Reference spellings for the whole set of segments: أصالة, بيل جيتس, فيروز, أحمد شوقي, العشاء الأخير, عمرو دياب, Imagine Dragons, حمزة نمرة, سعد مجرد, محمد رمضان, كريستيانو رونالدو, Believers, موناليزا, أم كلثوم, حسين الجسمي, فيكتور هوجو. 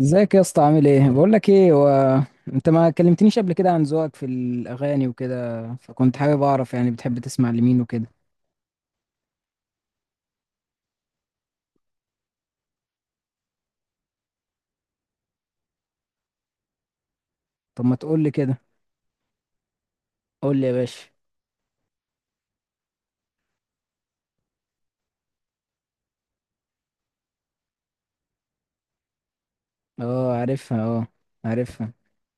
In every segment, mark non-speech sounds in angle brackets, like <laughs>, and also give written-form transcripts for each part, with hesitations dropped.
ازيك يا اسطى؟ عامل ايه؟ بقول لك ايه، هو انت ما كلمتنيش قبل كده عن ذوقك في الاغاني وكده، فكنت حابب اعرف يعني بتحب تسمع لمين وكده؟ طب ما تقول لي كده، قول لي يا باشا. اه، عارفها. اه، عارفها.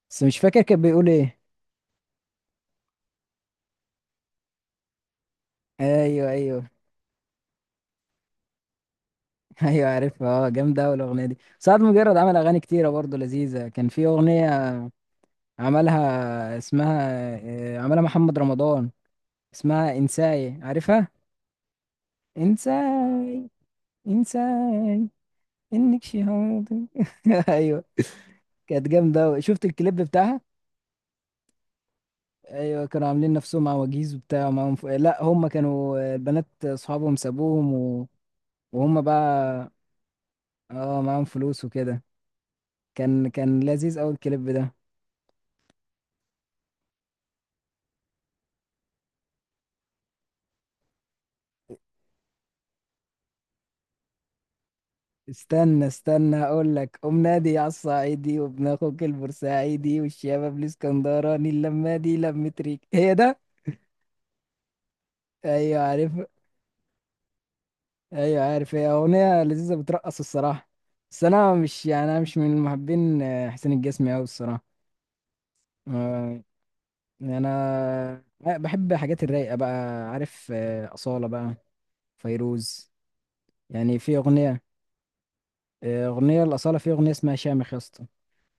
بس مش فاكر كان بيقول ايه. ايوه، ايوه. <laughs> ايوه، عارفها. اه، جامده اوي الاغنيه دي. سعد مجرد عمل اغاني كتيره برضه لذيذه، كان في اغنيه عملها اسمها عملها محمد رمضان، اسمها انساي، عارفها؟ انساي، انساي، انك شهود. <laughs> ايوه، كانت جامده أوي. شفت الكليب بتاعها؟ ايوه، كانوا عاملين نفسهم عواجيز وبتاع ومعاهم لا، هم كانوا البنات اصحابهم سابوهم وهم بقى، اه، معاهم فلوس وكده. كان لذيذ قوي الكليب ده. استنى استنى هقول لك، ام نادي على الصعيدي وابن اخوك البورسعيدي والشباب الاسكندراني، اللمه دي لمة ريك هي ده. ايوه، عارف. ايوه، عارف، هي اغنيه لذيذه بترقص الصراحه. بس انا مش، يعني انا مش من محبين حسين الجسمي قوي الصراحه. آه، يعني انا بحب حاجات الرايقه بقى. عارف اصاله بقى، فيروز. يعني في اغنيه، اغنيه الاصاله، في اغنيه اسمها شامخ يا اسطى،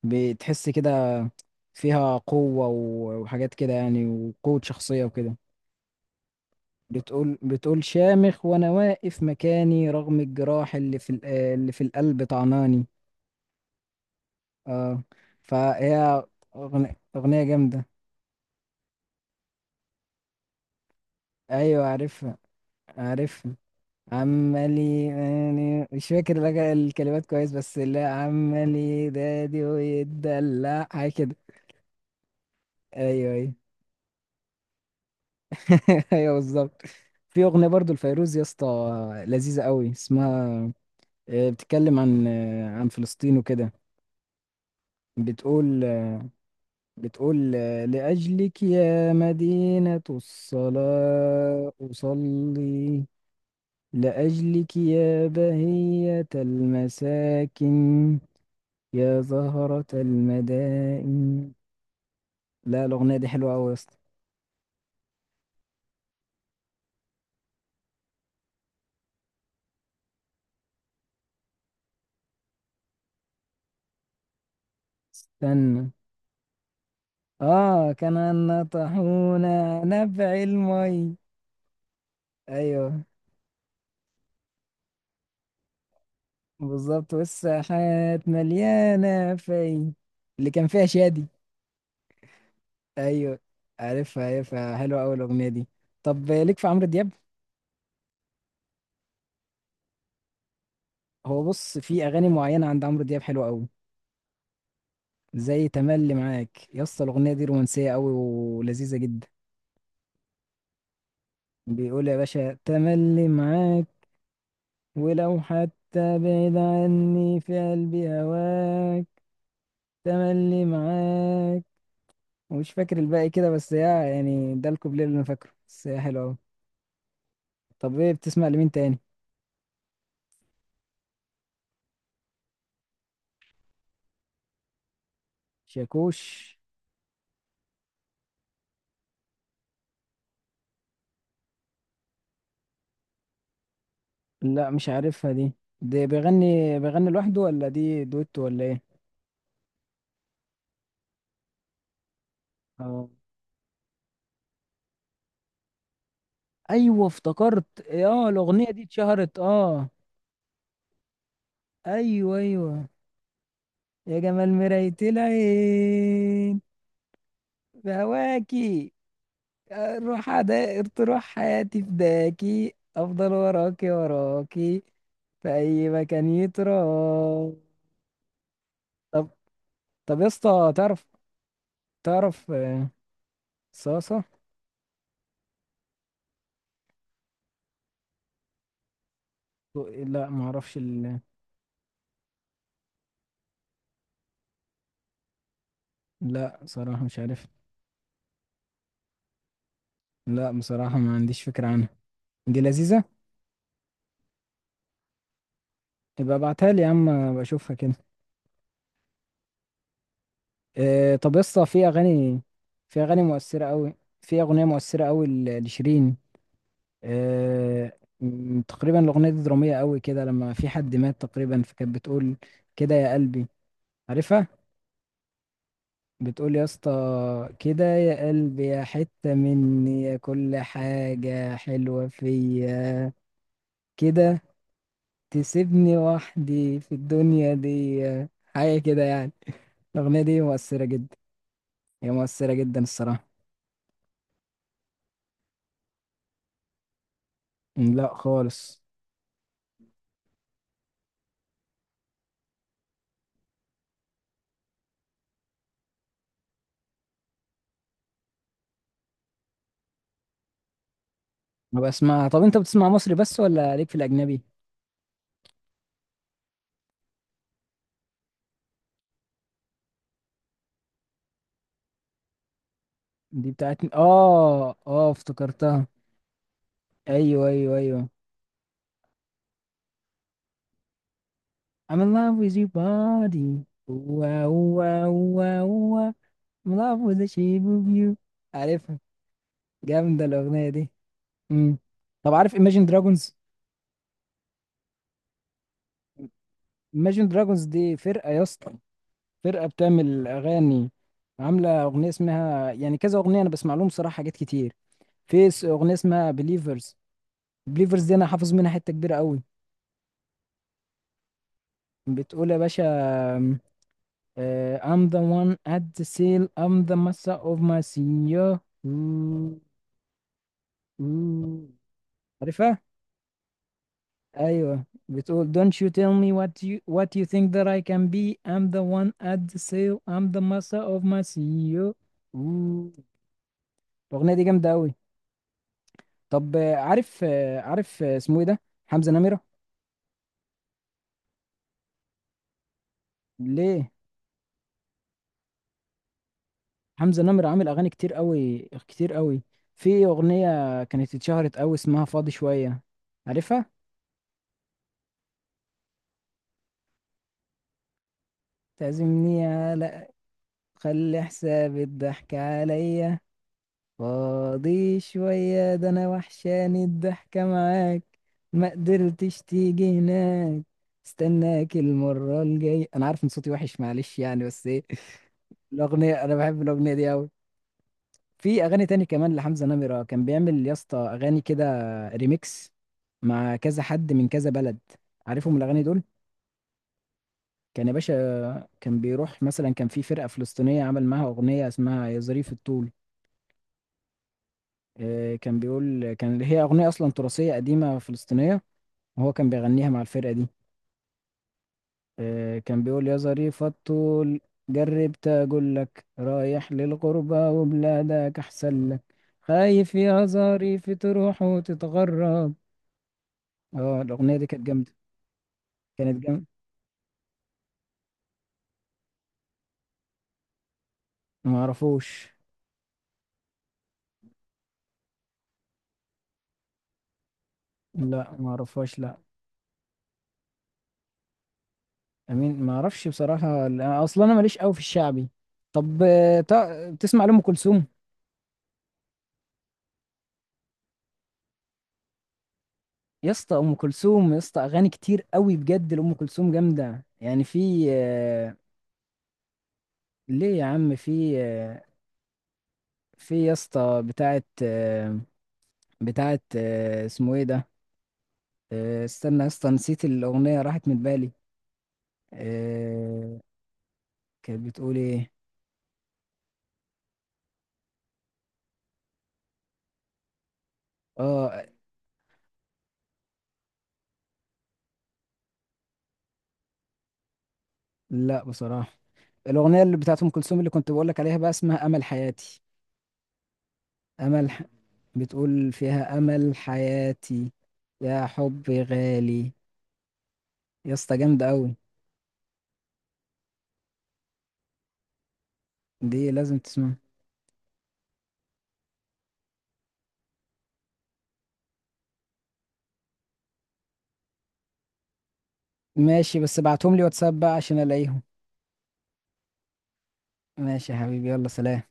بتحس كده فيها قوه وحاجات كده يعني، وقوه شخصيه وكده. بتقول شامخ وانا واقف مكاني، رغم الجراح اللي في اللي في القلب طعناني. اه، فهي أغنية جامدة. أيوة عارفها عمالي، يعني مش فاكر لك الكلمات كويس بس، لا، عمالي دادي ويتدلع حاجة كده. أيوة، أيوة. <laughs> أيوة بالظبط. في أغنية برضو لفيروز يا اسطى، لذيذة قوي، اسمها بتتكلم عن عن فلسطين وكده. بتقول بتقول لأجلك يا مدينة الصلاة أصلي، لأجلك يا بهية المساكن، يا زهرة المدائن. لا، الأغنية دي حلوة أوي يا اسطى. استنى، آه، كان النطحون، نبع المي. أيوه بالظبط، والساحات مليانة في، اللي كان فيها شادي. أيوه، عارفها حلوة أوي الأغنية دي. طب ليك في عمرو دياب؟ هو بص، في أغاني معينة عند عمرو دياب حلوة أوي. زي تملي معاك يا اسطى، الاغنيه دي رومانسيه قوي ولذيذه جدا. بيقول يا باشا، تملي معاك، ولو حتى بعيد عني في قلبي هواك، تملي معاك. ومش فاكر الباقي كده بس، يا يعني ده الكوبليه اللي انا فاكره، بس هي حلوه قوي. طب ايه بتسمع لمين تاني؟ شاكوش. لا مش عارفها دي. دي بيغني لوحده، ولا دي دويتو ولا ايه؟ اه، ايوه افتكرت، اه الاغنيه دي اتشهرت، اه. ايوه، ايوه، يا جمال مراية العين، بهواكي، روح عدائر تروح حياتي فداكي، أفضل وراكي، وراكي في أي مكان يتراه. طب طب يا اسطى تعرف صاصة؟ لا ما اعرفش لا صراحة مش عارف. لا بصراحة ما عنديش فكرة عنها. دي لذيذة؟ يبقى ابعتها لي يا عم بشوفها كده. طب يا اسطى، في أغاني مؤثرة أوي، في أغنية مؤثرة أوي لشيرين. آه، تقريبا الأغنية دي درامية قوي كده، لما في حد مات تقريبا، فكانت بتقول كده يا قلبي، عارفها؟ بتقول يا اسطى، كده يا قلبي، يا حتة مني، يا كل حاجة حلوة فيا، كده تسيبني وحدي في الدنيا دي، حاجة كده يعني. الأغنية دي مؤثرة جدا. هي مؤثرة جدا الصراحة. لا خالص ما بسمعها. طب انت بتسمع مصري بس ولا ليك في الأجنبي؟ دي بتاعتني، اه، اه، افتكرتها. ايوه، ايوه، ايوه. I'm in love with your body، واو واو واو واو. I'm in love with the shape of you، عارفها؟ جامدة الأغنية دي. امم طب عارف Imagine Dragons؟ Imagine Dragons دي فرقة يا اسطى، فرقة بتعمل أغاني، عاملة أغنية اسمها، يعني كذا أغنية أنا بسمع لهم صراحة حاجات كتير. في أغنية اسمها Believers. Believers دي أنا حافظ منها حتة كبيرة قوي. بتقول يا باشا، I'm the one at the sail. I'm the master of my senior. Ooh, ooh. عارفها؟ أيوة بتقول، Don't you tell me what you what you think that I can be. I'm the one at the sail. I'm the master of my senior. Ooh. الأغنية دي جامدة أوي. طب عارف اسمه إيه ده؟ حمزة نمرة؟ ليه؟ حمزة نمرة عامل أغاني كتير أوي، كتير أوي. في أغنية كانت اتشهرت أوي اسمها فاضي شوية، عارفها؟ تعزمني على، خلي حساب الضحك عليا، فاضي شوية ده، أنا وحشاني الضحكة معاك، ما قدرتش تيجي هناك، استناك المرة الجاية، أنا عارف إن صوتي وحش معلش يعني، بس إيه الأغنية، أنا بحب الأغنية دي أوي. في أغاني تاني كمان لحمزة نمرة كان بيعمل يا اسطى، أغاني كده ريميكس مع كذا حد من كذا بلد، عارفهم الأغاني دول؟ كان يا باشا، كان بيروح مثلا، كان في فرقة فلسطينية عمل معاها أغنية اسمها يا ظريف الطول. كان بيقول، كان هي أغنية أصلا تراثية قديمة فلسطينية، وهو كان بيغنيها مع الفرقة دي. كان بيقول، يا ظريف الطول جربت أقول لك، رايح للغربة وبلادك أحسن لك، خايف يا ظريف تروح وتتغرب. اه، الأغنية دي كانت جامدة. كانت جامدة. ما أعرفوش. لا ما أعرفهاش، لا. أمين ما أعرفش بصراحة، لا، أصلا أنا ماليش قوي في الشعبي. طب تسمع لأم كلثوم؟ يا اسطى ام كلثوم يا اسطى، اغاني كتير قوي بجد لام كلثوم جامده، يعني في ليه يا عم، في في يا اسطى بتاعه اسمه ايه ده. استنى يا اسطى، نسيت الاغنيه، راحت من بالي. آه، كانت بتقول ايه. اه، لا بصراحه. الاغنيه اللي بتاعه ام كلثوم اللي كنت بقول لك عليها بقى، اسمها امل حياتي. امل ح... بتقول فيها، امل حياتي، يا حبي غالي، يا اسطى جامده قوي. دي لازم تسمعها. ماشي، بس ابعتهم لي واتساب بقى عشان الاقيهم. ماشي يا حبيبي، يلا سلام.